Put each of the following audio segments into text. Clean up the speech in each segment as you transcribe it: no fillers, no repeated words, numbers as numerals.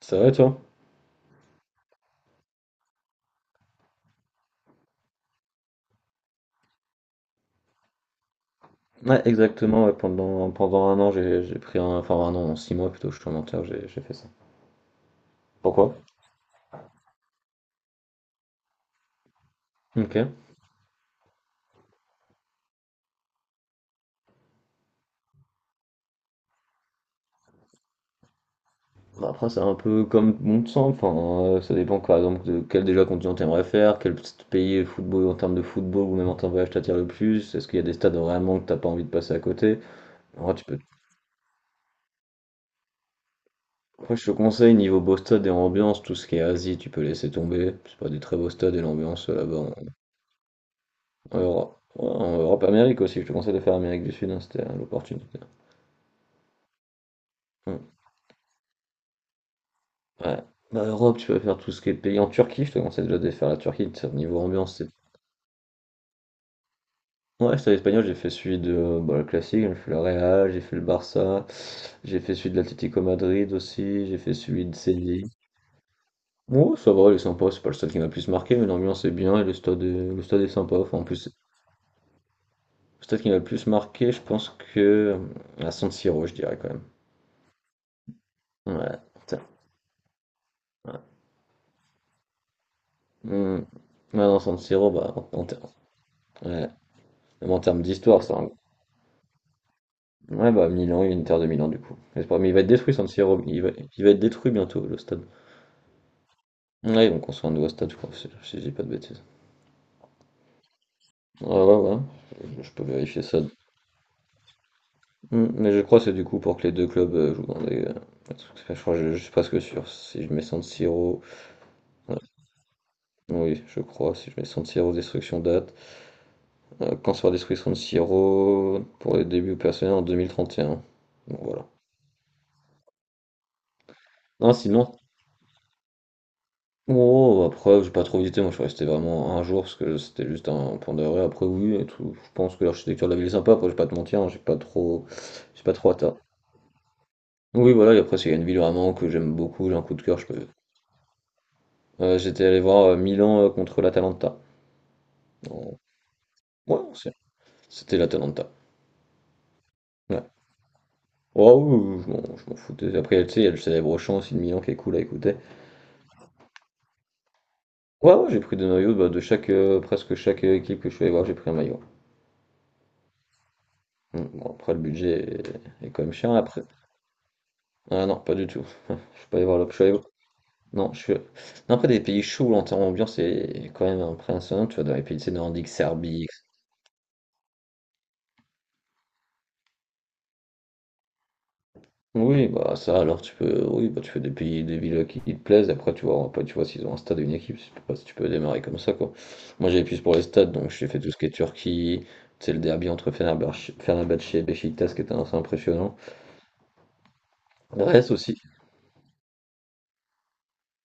C'est vrai, toi? Ouais, exactement. Ouais, pendant un an, j'ai pris un. Enfin, un an, 6 mois plutôt, je suis un menteur, j'ai fait ça. Pourquoi? Ok. Bah, après, c'est un peu comme bon de sang. Enfin, ça dépend, par exemple, de quel déjà continent t'aimerais faire, quel petit pays football en termes de football ou même en termes de voyage t'attire le plus. Est-ce qu'il y a des stades vraiment que t'as pas envie de passer à côté? Moi, tu peux. Après je te conseille, niveau beau stade et ambiance, tout ce qui est Asie, tu peux laisser tomber. C'est pas des très beaux stades et l'ambiance là-bas en Europe. Ouais, en Europe, Amérique aussi, je te conseille de faire Amérique du Sud, hein, c'était l'opportunité. Ouais. Ouais. Bah, Europe, tu peux faire tout ce qui est pays en Turquie, je te conseille déjà de faire la Turquie, niveau ambiance, c'est... Ouais, j'étais à l'espagnol, j'ai fait celui de bah, le classique, j'ai fait le Real, j'ai fait le Barça, j'ai fait celui de l'Atlético Madrid aussi, j'ai fait celui de Séville. Ouais, ça va, il est sympa, c'est pas le stade qui m'a le plus marqué, mais l'ambiance est bien et le stade est sympa. Enfin, en plus, le stade qui m'a le plus marqué, je pense que à San Siro, je dirais quand même. Ouais, tiens, ouais. Hmm. Ouais, non, San Siro, bah, ouais. Même en termes d'histoire, ça. Ouais, bah Milan, Inter de Milan du coup. Mais il va être détruit San Siro, il va être détruit bientôt le stade. Ouais, ils vont construire un nouveau stade, je crois, si je dis pas de bêtises. Ouais, ouais, ouais, je peux vérifier ça. Hmm. Mais je crois que c'est du coup pour que les deux clubs jouent dans des. Je crois, je suis presque sûr. Si je mets San Siro. Ouais, oui, je crois, si je mets San Siro destruction date. Quand sera détruit San Siro pour les débuts personnels en 2031. Bon, voilà. Non, sinon, oh, après, j'ai pas trop visité, moi je suis resté vraiment un jour parce que c'était juste un point d'arrêt. Après, oui, et tout. Je pense que l'architecture de la ville est sympa, après, je vais pas te mentir, hein, j'ai pas trop hâte, hein. Oui, voilà, et après, s'il y a une ville vraiment que j'aime beaucoup, j'ai un coup de cœur, je peux. J'étais allé voir Milan contre l'Atalanta. En- Ouais, c'était l'Atalanta. Ouais. Oh, oui, oui, je m'en foutais. Après, tu sais, il y a le célèbre chant aussi de Milan qui est cool à écouter. Ouais, ouais, j'ai pris des maillots bah, de chaque, presque chaque équipe que je suis allé voir, j'ai pris un maillot. Bon, après, le budget est quand même cher. Après, ah non, pas du tout. Je suis pas allé voir le... je suis allé- Non, je suis... Non, après, des pays chauds, en termes d'ambiance, c'est quand même impressionnant. Tu vois, dans les pays, tu sais, nordiques, Serbie... etc. Oui, bah ça, alors, tu peux... Oui, bah, tu fais des pays, des villes qui te plaisent. Après, tu vois s'ils ont un stade et une équipe. Je sais pas si tu peux démarrer comme ça, quoi. Moi, j'avais plus pour les stades, donc j'ai fait tout ce qui est Turquie. Tu sais, le derby entre Fenerbahçe et Beşiktaş, qui était assez impressionnant. Brest aussi.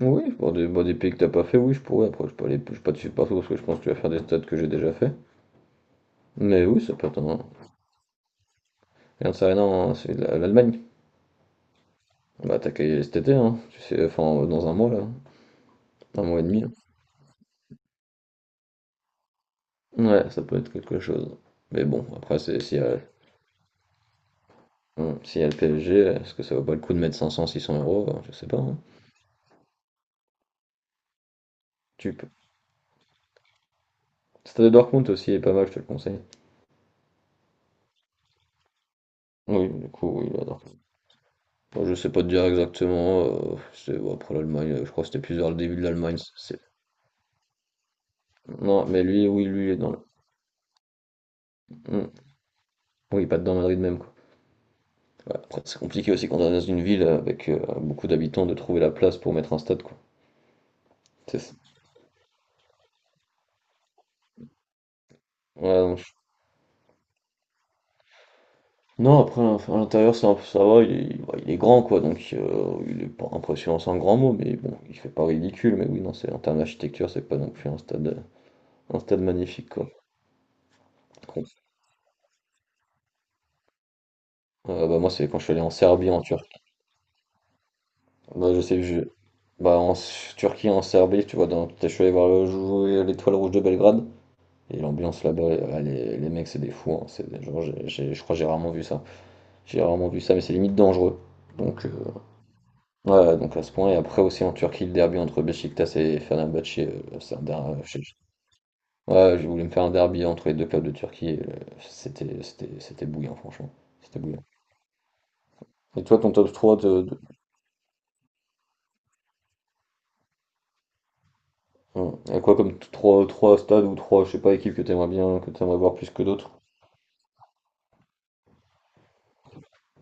Oui, pour des, bah, des pays que t'as pas fait, oui, je pourrais. Après, je peux aller... Je peux pas te suivre partout, parce que je pense que tu vas faire des stades que j'ai déjà fait. Mais oui, ça peut être un, regarde ça, non, c'est l'Allemagne. On va attaquer cet été, hein. Tu sais, enfin, dans un mois, là. Un mois et demi, là. Ouais, ça peut être quelque chose. Mais bon, après, c'est s'il y a le PSG, est-ce que ça vaut pas le coup de mettre 500, 600 euros? Ben, je sais pas, hein. Tu peux. Stade de Dortmund aussi est pas mal, je te le conseille. Oui, du coup, oui, la Dortmund. Bon, je sais pas te dire exactement. C'est, bon, après l'Allemagne, je crois que c'était plus vers le début de l'Allemagne. Non, mais lui, oui, lui, il est dans le... Hum. Oui, pas dedans Madrid même, quoi. Ouais, après, c'est compliqué aussi quand on est dans une ville avec beaucoup d'habitants de trouver la place pour mettre un stade, quoi. C'est ça. Ouais, non, non, après, à l'intérieur, ça va, il est, bah, il est grand, quoi, donc il est pas impressionnant, c'est un grand mot, mais bon, il fait pas ridicule, mais oui, non, c'est, en termes d'architecture, c'est pas non plus un stade magnifique, quoi. Con. Bah, moi, c'est quand je suis allé en Serbie, en Turquie. Bah, je sais que je. Bah, en Turquie, en Serbie, tu vois, dans... je suis allé voir le jouer à l'Étoile Rouge de Belgrade, et l'ambiance là-bas, elle les, mecs, c'est des fous, hein, c'est des... Genre, je crois que j'ai rarement vu ça. J'ai rarement vu ça, mais c'est limite dangereux. Donc, ouais, donc à ce point. Et après aussi en Turquie, le derby entre Beşiktaş et Fenerbahçe, c'est un derby. Ouais, je voulais me faire un derby entre les deux clubs de Turquie, et c'était bouillant, franchement. C'était bouillant. Et toi, ton top 3 ouais. Et quoi comme trois stades ou 3 je sais pas, équipes que t'aimerais bien, que t'aimerais voir plus que d'autres?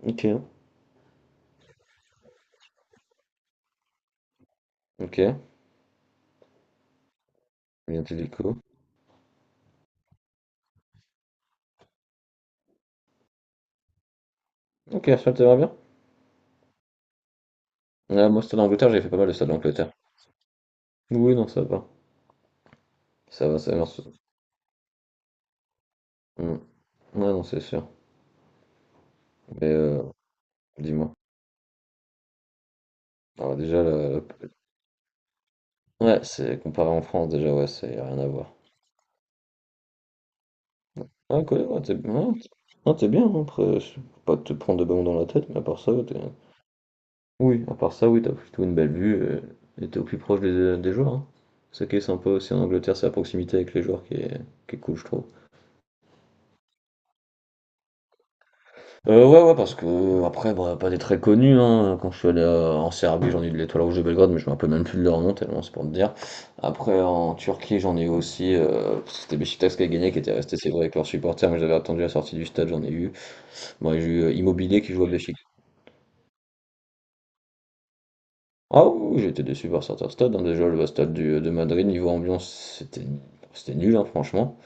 Ok, ok, bien Atlético. Ok, Arsenal, t'aimerais bien? Ouais, moi, stade d'Angleterre, j'ai fait pas mal de stades d'Angleterre. Oui, non, ça va. Ça va, ça va, merci. Mm. Ouais, non, c'est sûr. Mais dis-moi. Alors déjà, ouais, c'est comparé en France, déjà, ouais, c'est rien à voir. Ah, quoi, ouais, t'es, ouais, non, t'es bien, hein, après, je- faut pas te prendre de ballon dans la tête, mais à part ça, ouais, t'es... Oui, à part ça, oui, t'as plutôt une belle vue, et t'es au plus proche des joueurs, hein. C'est ça qui est sympa aussi en Angleterre, c'est la proximité avec les joueurs qui est cool, je trouve. Ouais, ouais, parce qu'après, bah, pas des très connus, hein, quand je suis allé, en Serbie, j'en ai eu de l'Étoile rouge de Belgrade, mais je me rappelle même plus de leur nom tellement c'est pour te dire. Après en Turquie, j'en ai eu aussi, c'était Beşiktaş qui a gagné, qui était resté, c'est vrai, avec leurs supporters, mais j'avais attendu la sortie du stade, j'en ai eu. Moi, j'ai eu, Immobilier qui joue à Beşik. Ah oui, oui, j'étais déçu par certains stades, hein, déjà le stade du de Madrid, niveau ambiance, c'était nul, hein, franchement.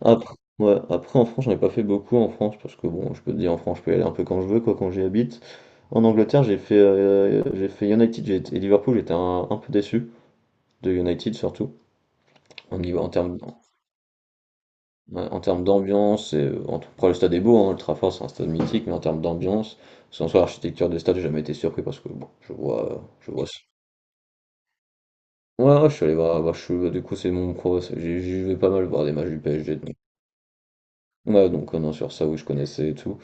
Après, ouais, après en France, j'en ai pas fait beaucoup en France parce que bon, je peux te dire en France, je peux y aller un peu quand je veux, quoi, quand j'y habite. En Angleterre, j'ai fait United, et Liverpool, j'étais un peu déçu de United surtout. En, en termes, ouais, en termes d'ambiance, et, après le stade est beau, hein, le Trafford c'est un stade mythique, mais en termes d'ambiance, sans soi l'architecture des stades, j'ai jamais été surpris parce que bon, je vois. Ouais, ouais, je suis allé voir, du coup c'est mon pro, j'y vais pas mal voir des matchs du PSG. Ouais, donc, non, sur ça, oui, je connaissais et tout.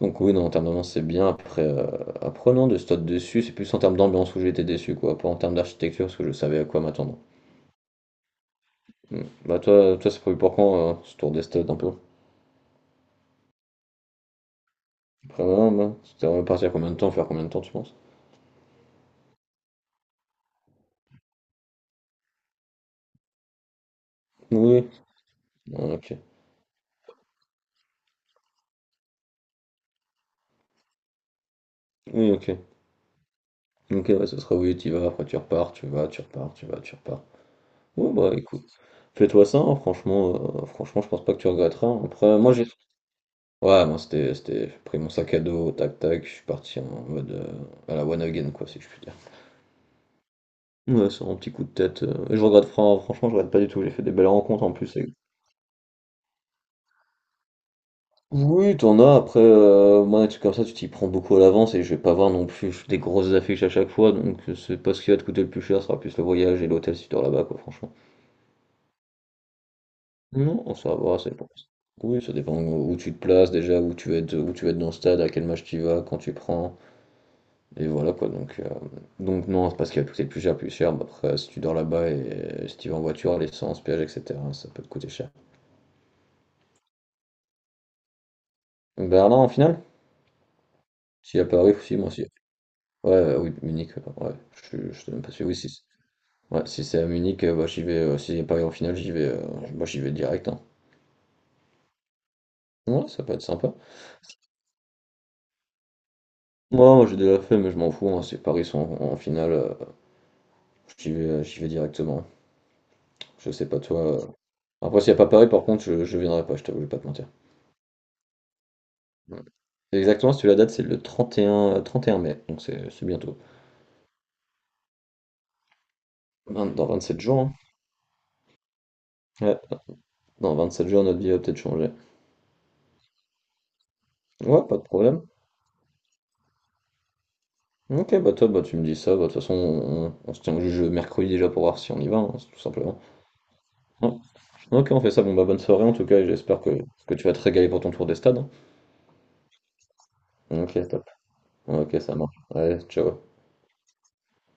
Donc oui, non, en termes d'ambiance, c'est bien. Après, après non, de stade dessus c'est plus en termes d'ambiance où j'ai été déçu, quoi. Pas en termes d'architecture, parce que je savais à quoi m'attendre. Mmh. Bah, toi, c'est prévu pour quand, ce tour des stades un peu? Après voilà, moi, c'était repartir combien de temps, faire combien de temps, tu penses? Oui. Ouais, OK. Oui, OK. OK, ouais, ce sera oui, tu vas, après tu repars, tu vas, tu repars, tu vas, tu repars. Ouais, bah, écoute, fais-toi ça, hein, franchement, je pense pas que tu regretteras, hein. Après, moi, j'ai ouais, moi c'était, j'ai pris mon sac à dos, tac tac, je suis parti en mode à la one again quoi, si je puis dire. Ouais, c'est un petit coup de tête, et je regrette, franchement, je regrette pas du tout, j'ai fait des belles rencontres en plus. Et oui, t'en as, après, moi, des trucs comme ça, tu t'y prends beaucoup à l'avance et je vais pas voir non plus des grosses affiches à chaque fois, donc c'est pas ce qui va te coûter le plus cher, ce sera plus le voyage et l'hôtel si tu dors là-bas quoi, franchement. Non, on ça va, c'est pas. Oui, ça dépend où tu te places déjà, où tu vas être, où tu vas être dans le stade, à quel match tu y vas, quand tu prends. Et voilà quoi, donc non, c'est parce qu'il va tout coûter plus cher, plus cher. Bah, après, si tu dors là-bas et si tu vas en voiture, l'essence, péage, etc., ça peut te coûter cher. Donc Berlin en finale? Si à Paris, aussi, moi aussi. Ouais, oui, Munich, ouais, ouais. Je sais même pas si oui, si, ouais, si c'est à Munich, bah, j'y vais, si c'est Paris en finale, j'y vais, bah, j'y vais direct, hein. Ouais, ça peut être sympa. Moi, moi j'ai déjà fait, mais je m'en fous, hein, si Paris sont en, finale, j'y vais directement. Je sais pas toi. Après, s'il n'y a pas Paris, par contre, je viendrai pas, je t'avoue, je vais pas te mentir. Ouais. Exactement, si tu la date, c'est le 31, 31 mai, donc c'est bientôt. Dans 27 jours, hein. Ouais, dans 27 jours, notre vie va peut-être changer. Ouais, pas de problème. Ok, bah toi, bah tu me dis ça, bah de toute façon, on se tient au jeu mercredi déjà pour voir si on y va, hein, c'est tout simplement. Ouais. Ok, on fait ça, bon bah bonne soirée en tout cas, et j'espère que tu vas te régaler pour ton tour des stades, hein. Ok, top. Ok, ça marche. Allez, ciao.